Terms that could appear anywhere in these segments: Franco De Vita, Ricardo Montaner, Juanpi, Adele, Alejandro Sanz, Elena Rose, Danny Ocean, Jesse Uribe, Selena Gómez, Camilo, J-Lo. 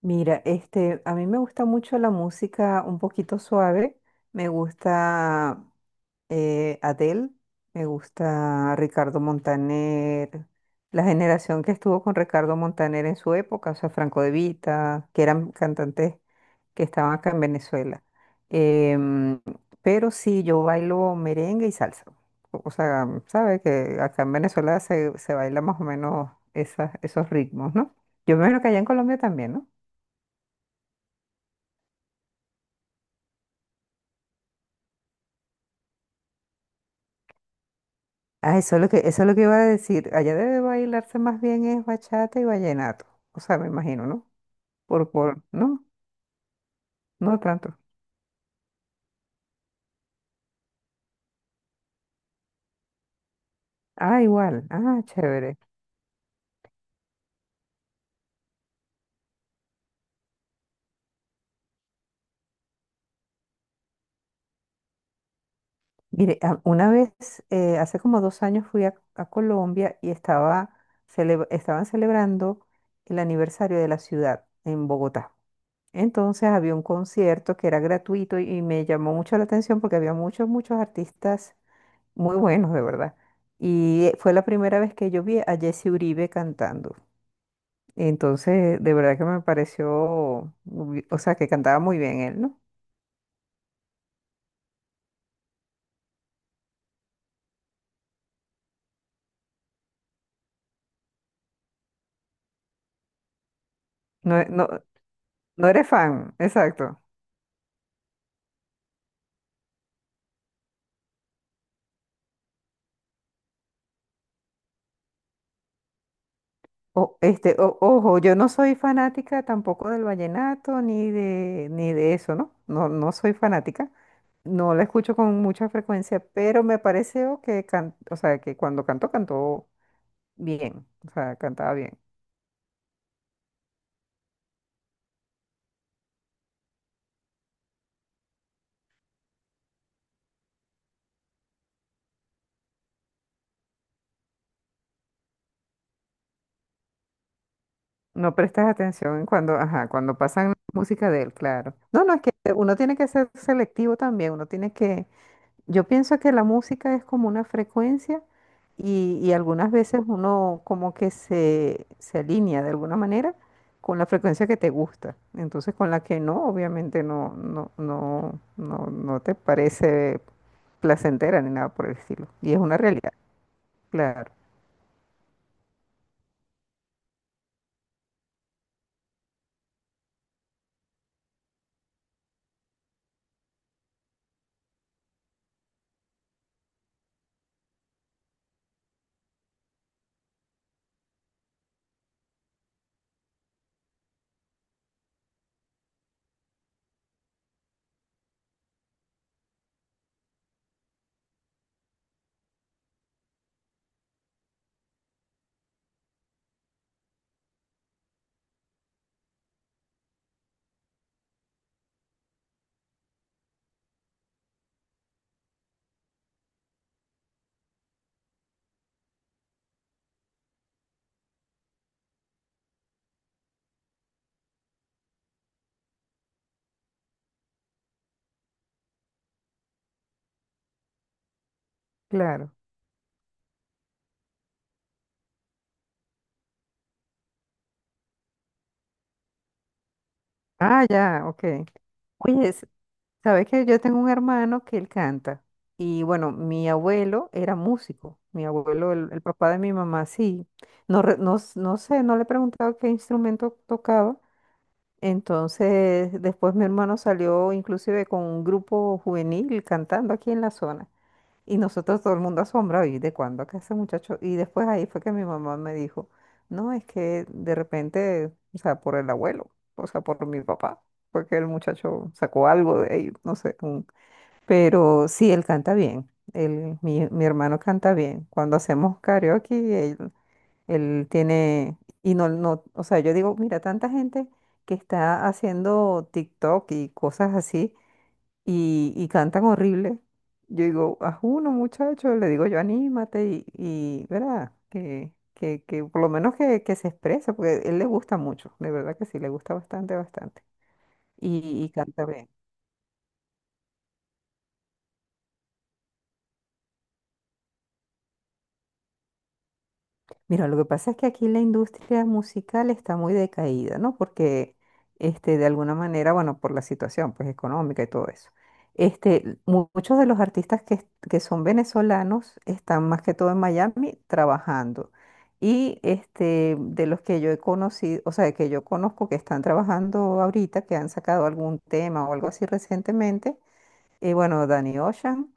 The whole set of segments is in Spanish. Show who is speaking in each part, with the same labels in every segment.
Speaker 1: Mira, este, a mí me gusta mucho la música un poquito suave. Me gusta Adele, me gusta Ricardo Montaner, la generación que estuvo con Ricardo Montaner en su época, o sea, Franco De Vita, que eran cantantes que estaban acá en Venezuela. Em, pero sí, yo bailo merengue y salsa. O sea, sabes que acá en Venezuela se baila más o menos esas, esos ritmos, ¿no? Yo me imagino que allá en Colombia también, ¿no? Ah, eso es lo que, eso es lo que iba a decir. Allá debe bailarse más bien es bachata y vallenato. O sea, me imagino, ¿no? No, no tanto. Ah, igual. Ah, chévere. Mire, una vez, hace como dos años fui a Colombia y estaba estaban celebrando el aniversario de la ciudad en Bogotá. Entonces había un concierto que era gratuito y me llamó mucho la atención porque había muchos, muchos artistas muy buenos, de verdad. Y fue la primera vez que yo vi a Jesse Uribe cantando. Entonces, de verdad que me pareció, o sea, que cantaba muy bien él, ¿no? No, no, no eres fan, exacto. O, este, ojo, yo no soy fanática tampoco del vallenato ni de, ni de eso, ¿no? No, no soy fanática. No la escucho con mucha frecuencia, pero me pareció que, o sea, que cuando cantó, cantó bien, o sea, cantaba bien. No prestas atención cuando, ajá, cuando pasan música de él, claro. No, no, es que uno tiene que ser selectivo también, uno tiene que, yo pienso que la música es como una frecuencia y algunas veces uno como que se alinea de alguna manera con la frecuencia que te gusta. Entonces con la que no, obviamente no, no, no, no, no te parece placentera ni nada por el estilo. Y es una realidad, claro, claro. Ah, ya, ok. Oye, sabes que yo tengo un hermano que él canta. Y bueno, mi abuelo era músico. Mi abuelo, el papá de mi mamá, sí. No, no, no sé, no le he preguntado qué instrumento tocaba. Entonces, después mi hermano salió inclusive con un grupo juvenil cantando aquí en la zona. Y nosotros todo el mundo asombrado, ¿y de cuándo acá ese muchacho? Y después ahí fue que mi mamá me dijo, no, es que de repente, o sea, por el abuelo, o sea, por mi papá porque el muchacho sacó algo de ahí, no sé, pero sí, él canta bien. Él, mi hermano canta bien. Cuando hacemos karaoke, él tiene, y no, no, o sea, yo digo, mira, tanta gente que está haciendo TikTok y cosas así, y cantan horrible. Yo digo, haz uno, muchacho, le digo yo, anímate, y ¿verdad? Que por lo menos que se exprese, porque él le gusta mucho, de verdad que sí, le gusta bastante, bastante. Y canta bien. Mira, lo que pasa es que aquí la industria musical está muy decaída, ¿no? Porque, este, de alguna manera, bueno, por la situación, pues, económica y todo eso. Este, muchos de los artistas que, que son venezolanos están más que todo en Miami trabajando. Y, este, de los que yo he conocido, o sea, que yo conozco que están trabajando ahorita, que han sacado algún tema o algo así recientemente, bueno, Danny Ocean,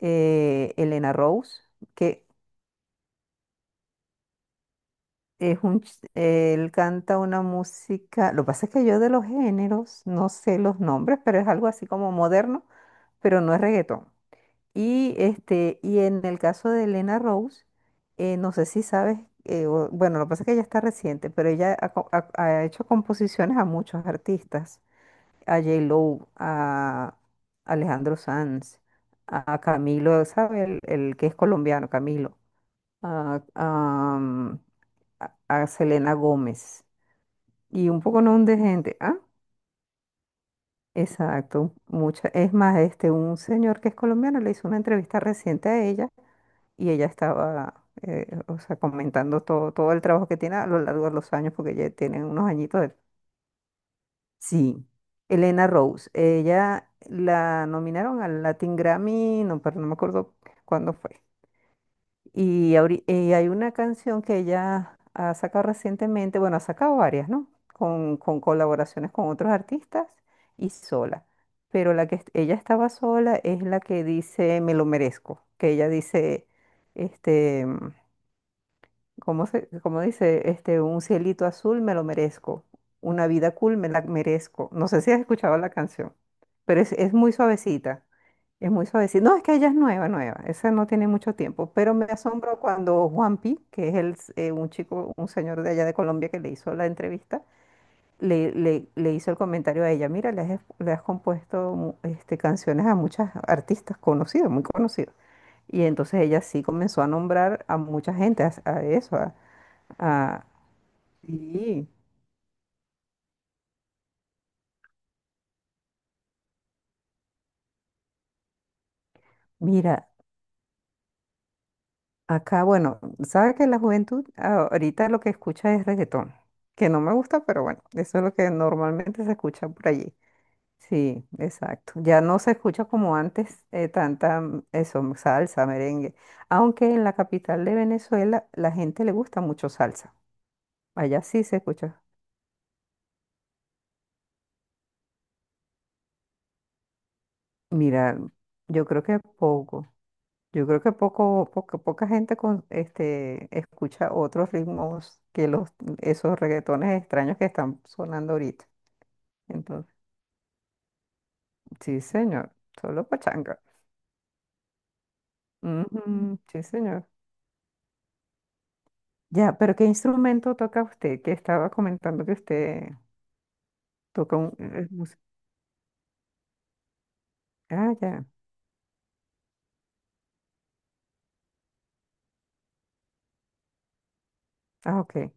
Speaker 1: Elena Rose, que es un, él canta una música, lo que pasa es que yo de los géneros no sé los nombres, pero es algo así como moderno, pero no es reggaetón. Y, este, y en el caso de Elena Rose, no sé si sabes, bueno, lo que pasa es que ella está reciente, pero ella ha, ha hecho composiciones a muchos artistas, a J-Lo, a Alejandro Sanz, a Camilo, ¿sabes? El que es colombiano, Camilo, a, a Selena Gómez. Y un poco no un de gente. Ah, exacto. Mucha. Es más, este, un señor que es colombiano le hizo una entrevista reciente a ella y ella estaba, o sea, comentando todo, todo el trabajo que tiene a lo largo de los años, porque ya tiene unos añitos. De- Sí, Elena Rose. Ella la nominaron al Latin Grammy, no, pero no me acuerdo cuándo fue. Y, hay una canción que ella ha sacado recientemente, bueno, ha sacado varias, ¿no? Con colaboraciones con otros artistas y sola. Pero la que ella estaba sola es la que dice Me lo merezco, que ella dice, este, ¿cómo se, cómo dice? Este, un cielito azul me lo merezco. Una vida cool me la merezco. No sé si has escuchado la canción, pero es muy suavecita. Es muy suavecita. No, es que ella es nueva, nueva. Esa no tiene mucho tiempo. Pero me asombro cuando Juanpi, que es el, un chico, un señor de allá de Colombia que le hizo la entrevista, le hizo el comentario a ella. Mira, le has, le has compuesto este, canciones a muchas artistas conocidas, muy conocidas. Y entonces ella sí comenzó a nombrar a mucha gente, a eso, ah, sí. Mira, acá, bueno, sabe que la juventud ah, ahorita lo que escucha es reggaetón, que no me gusta, pero bueno, eso es lo que normalmente se escucha por allí. Sí, exacto. Ya no se escucha como antes tanta eso, salsa, merengue. Aunque en la capital de Venezuela la gente le gusta mucho salsa. Allá sí se escucha. Mira, yo creo que poco. Yo creo que poco, poca, poca gente con, este, escucha otros ritmos que los, esos reggaetones extraños que están sonando ahorita. Entonces, sí, señor, solo pachanga. Ujú, sí, señor. Ya, pero ¿qué instrumento toca usted? Que estaba comentando que usted toca un... Ah, ya. Ah, ok.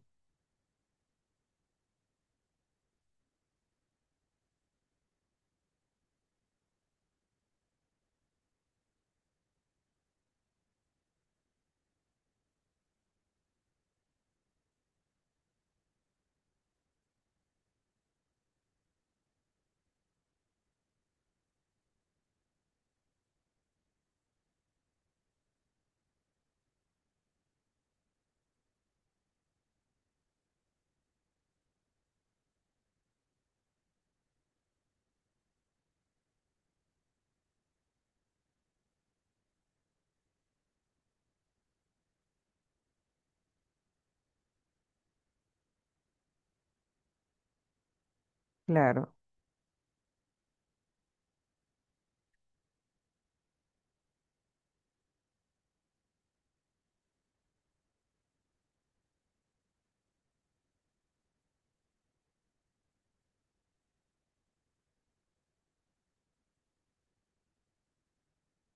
Speaker 1: Claro.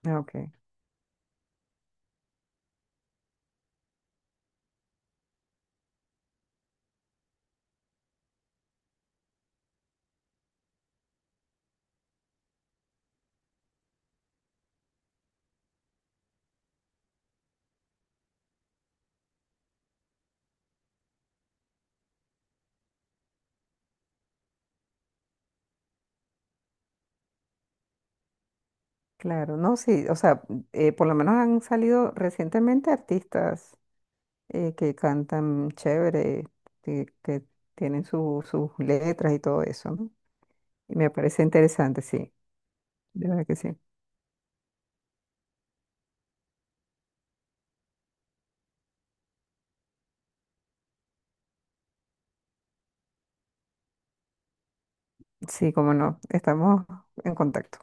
Speaker 1: Ah, ok. Claro. No, sí. O sea, por lo menos han salido recientemente artistas que cantan chévere, que tienen sus letras y todo eso, ¿no? Y me parece interesante, sí, de verdad que sí. Sí, cómo no, estamos en contacto.